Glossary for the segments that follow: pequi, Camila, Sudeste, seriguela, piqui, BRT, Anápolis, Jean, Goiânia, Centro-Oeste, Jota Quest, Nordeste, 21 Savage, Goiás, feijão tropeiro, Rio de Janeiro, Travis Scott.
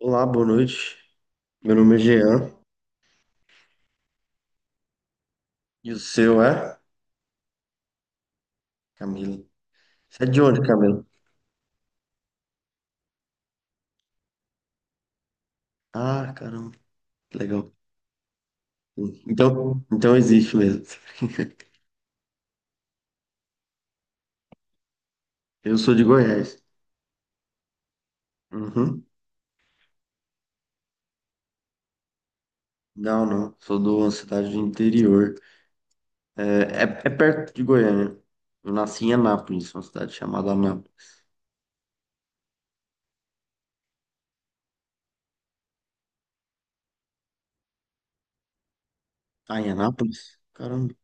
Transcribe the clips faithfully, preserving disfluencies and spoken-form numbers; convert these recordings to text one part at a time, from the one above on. Olá, boa noite. Meu nome é Jean e o seu é? Camila. Você é de onde, Camila? Ah, caramba, que legal. Então, então existe mesmo. Eu sou de Goiás. Uhum. Não, não, sou de uma cidade do interior. É, é, é perto de Goiânia. Eu nasci em Anápolis, uma cidade chamada Anápolis. Ah, em Anápolis? Caramba.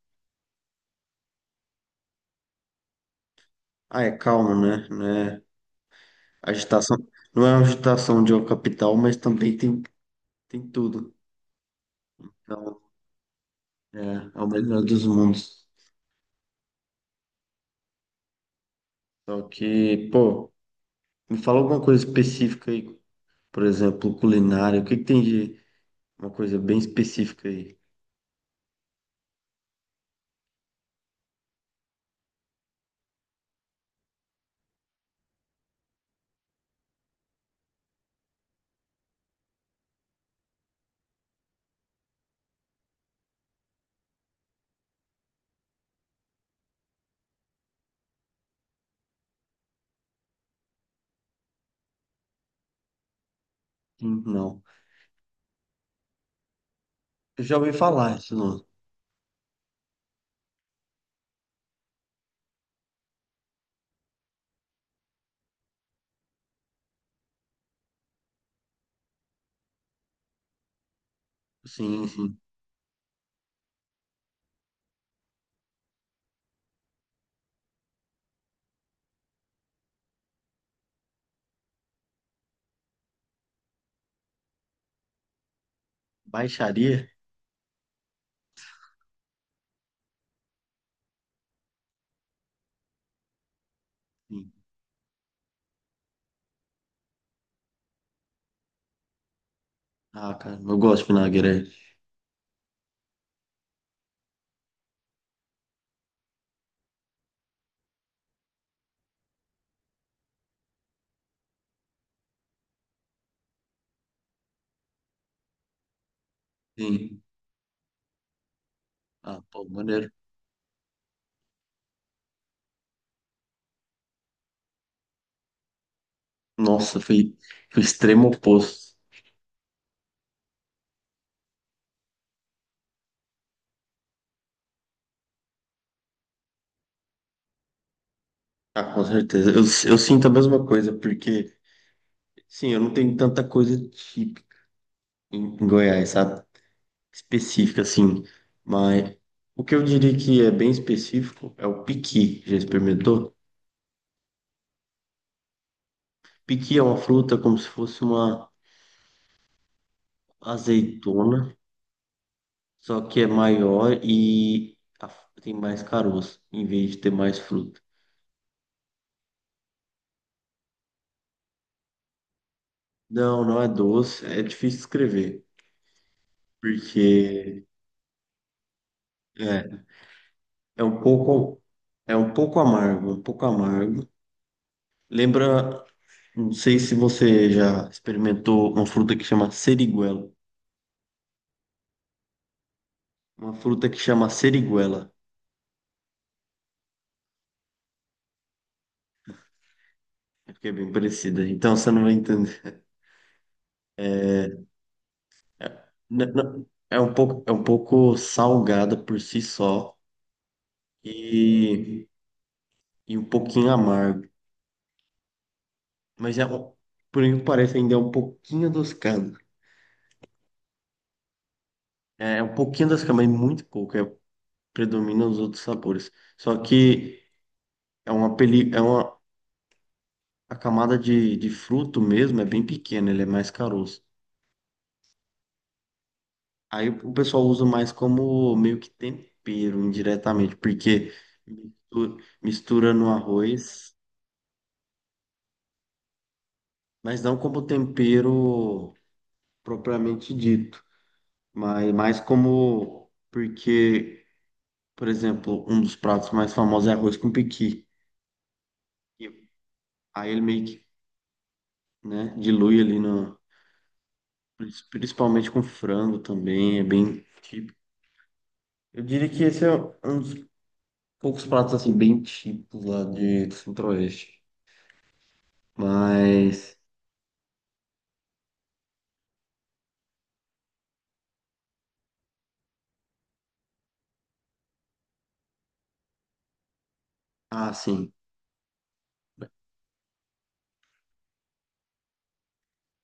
Ah, é calmo, né? Não é agitação. Não é uma agitação de uma capital, mas também tem, tem tudo. Então, é, é o melhor dos mundos. Só que, pô, me fala alguma coisa específica aí. Por exemplo, culinária. O que que tem de uma coisa bem específica aí? Sim, não. Eu já ouvi falar isso, não. Sim, sim. Baixaria? Sim. Ah, cara, eu gosto de vinagrete. Sim. Ah, pô, maneiro. Nossa, foi, foi o extremo oposto. Ah, com certeza. Eu, eu sinto a mesma coisa, porque, sim, eu não tenho tanta coisa típica em em Goiás, sabe? Específica, assim. Mas o que eu diria que é bem específico é o piqui. Já experimentou? Piqui é uma fruta como se fosse uma azeitona, só que é maior e a- tem mais caroço, em vez de ter mais fruta. Não, não é doce, é difícil escrever, porque é, é um pouco, é um pouco amargo, um pouco amargo. Lembra, não sei se você já experimentou uma fruta que chama seriguela. Uma fruta que chama seriguela. É porque é bem parecida. Então você não vai entender. É, é, n- n- é um pouco, é um pouco salgada por si só e, e um pouquinho amargo. Mas é, um- por isso parece ainda é um pouquinho adocicado. É, é um pouquinho adocicado, mas muito pouco. É, predomina os outros sabores. Só que é uma, peli, é uma, a camada de, de fruto mesmo é bem pequena, ele é mais caroço. Aí o pessoal usa mais como meio que tempero indiretamente, porque mistu- mistura no arroz, mas não como tempero propriamente dito, mas mais como porque, por exemplo, um dos pratos mais famosos é arroz com pequi. E aí ele meio que, né, dilui ali no, principalmente com frango também, é bem típico. Eu diria que esse é um dos poucos pratos assim bem típicos lá de do Centro-Oeste. Mas ah, sim.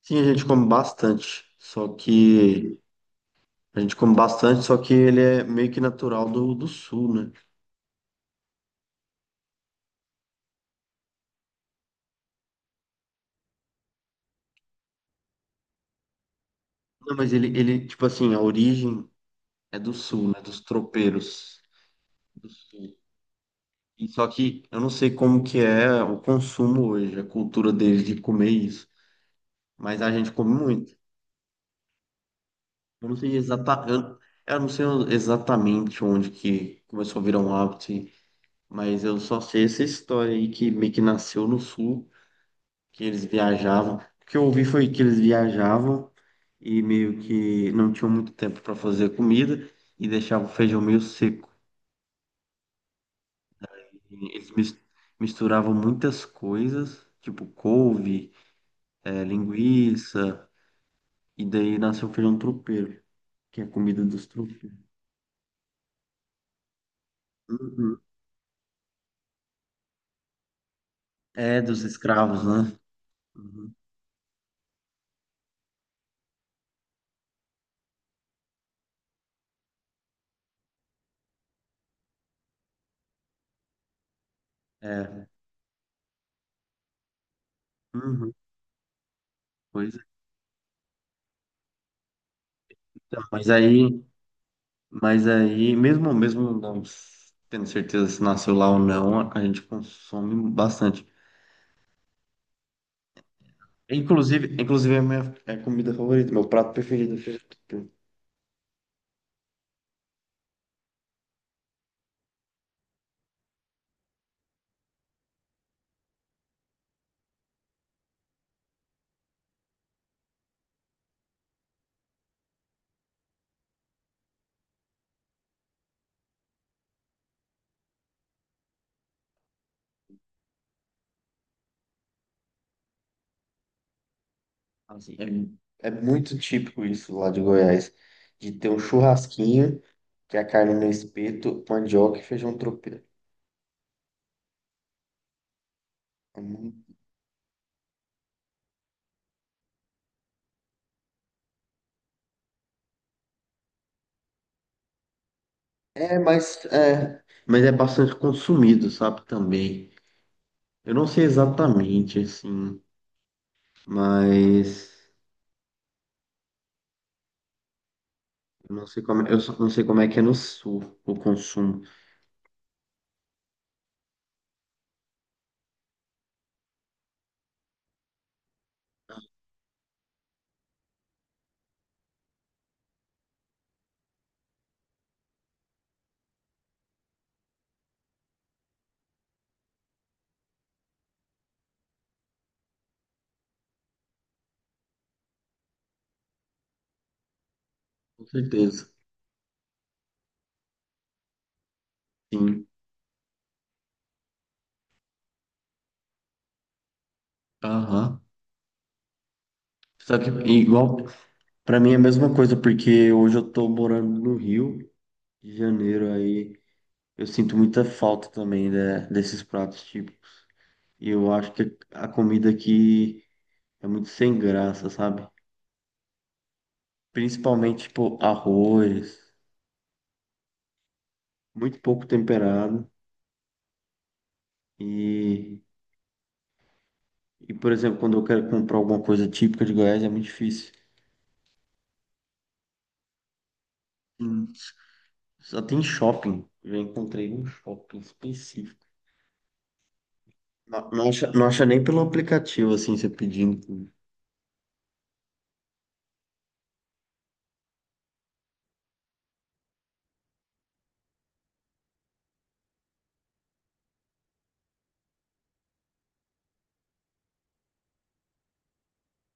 Sim, a gente come bastante. Só que a gente come bastante, só que ele é meio que natural do, do sul, né? Não, mas ele, ele, tipo assim, a origem é do sul, né? Dos tropeiros do sul. E só que eu não sei como que é o consumo hoje, a cultura deles de comer isso. Mas a gente come muito. Eu não sei exata, eu, eu não sei exatamente onde que começou a virar um hábito, mas eu só sei essa história aí que meio que nasceu no sul. Que eles viajavam. O que eu ouvi foi que eles viajavam e meio que não tinham muito tempo para fazer comida e deixavam o feijão meio seco. E eles mis- misturavam muitas coisas, tipo couve, eh, linguiça, e daí nasceu o feijão tropeiro, que é a comida dos tropeiros. Uhum. É, dos escravos, né? Uhum. É. Uhum. Pois é. Então, mas aí. Mas aí, mesmo, mesmo não tendo certeza se nasceu lá ou não, a gente consome bastante. Inclusive, inclusive é a minha é a comida favorita, meu prato preferido. Assim, é, é muito típico isso lá de Goiás, de ter um churrasquinho, que é a carne no espeto, mandioca e feijão tropeiro. É, mu- é, mas é, mas é bastante consumido, sabe, também. Eu não sei exatamente, assim, mas... Eu não sei como, é, eu só não sei como é que é no sul o consumo. Com certeza. Sim. Aham. Sabe, que- igual, pra mim é a mesma coisa, porque hoje eu tô morando no Rio de Janeiro, aí eu sinto muita falta também né, desses pratos típicos. E eu acho que a comida aqui é muito sem graça, sabe? Principalmente, tipo, arroz, muito pouco temperado. E, e, por exemplo, quando eu quero comprar alguma coisa típica de Goiás, é muito difícil. Só tem shopping. Eu encontrei um shopping específico. Não, não acha, não acha nem pelo aplicativo, assim, você pedindo.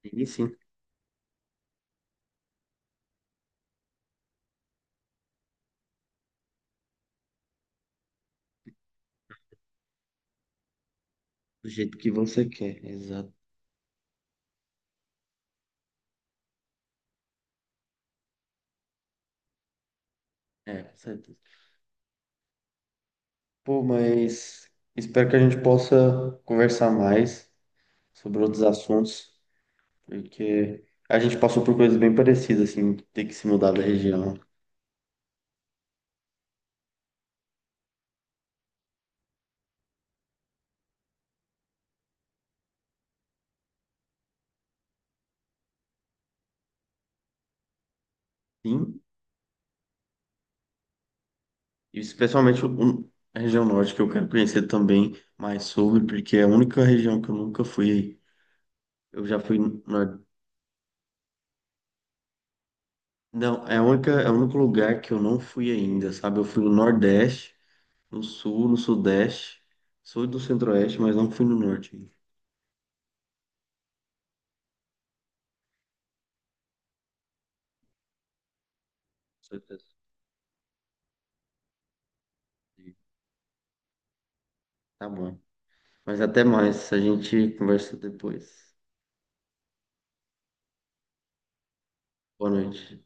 Ele sim, do jeito que você quer. Exato. É, com certeza. Pô, mas espero que a gente possa conversar mais sobre outros assuntos, porque a gente passou por coisas bem parecidas, assim, ter que se mudar da região. Sim, e especialmente o- a região norte, que eu quero conhecer também mais sobre, porque é a única região que eu nunca fui. Eu já fui no não, é a única, é o único lugar que eu não fui ainda, sabe? Eu fui no Nordeste, no Sul, no Sudeste, Sul do Centro-Oeste, mas não fui no Norte. Ainda. Sou tá bom. Mas até mais, a gente conversa depois. Boa noite.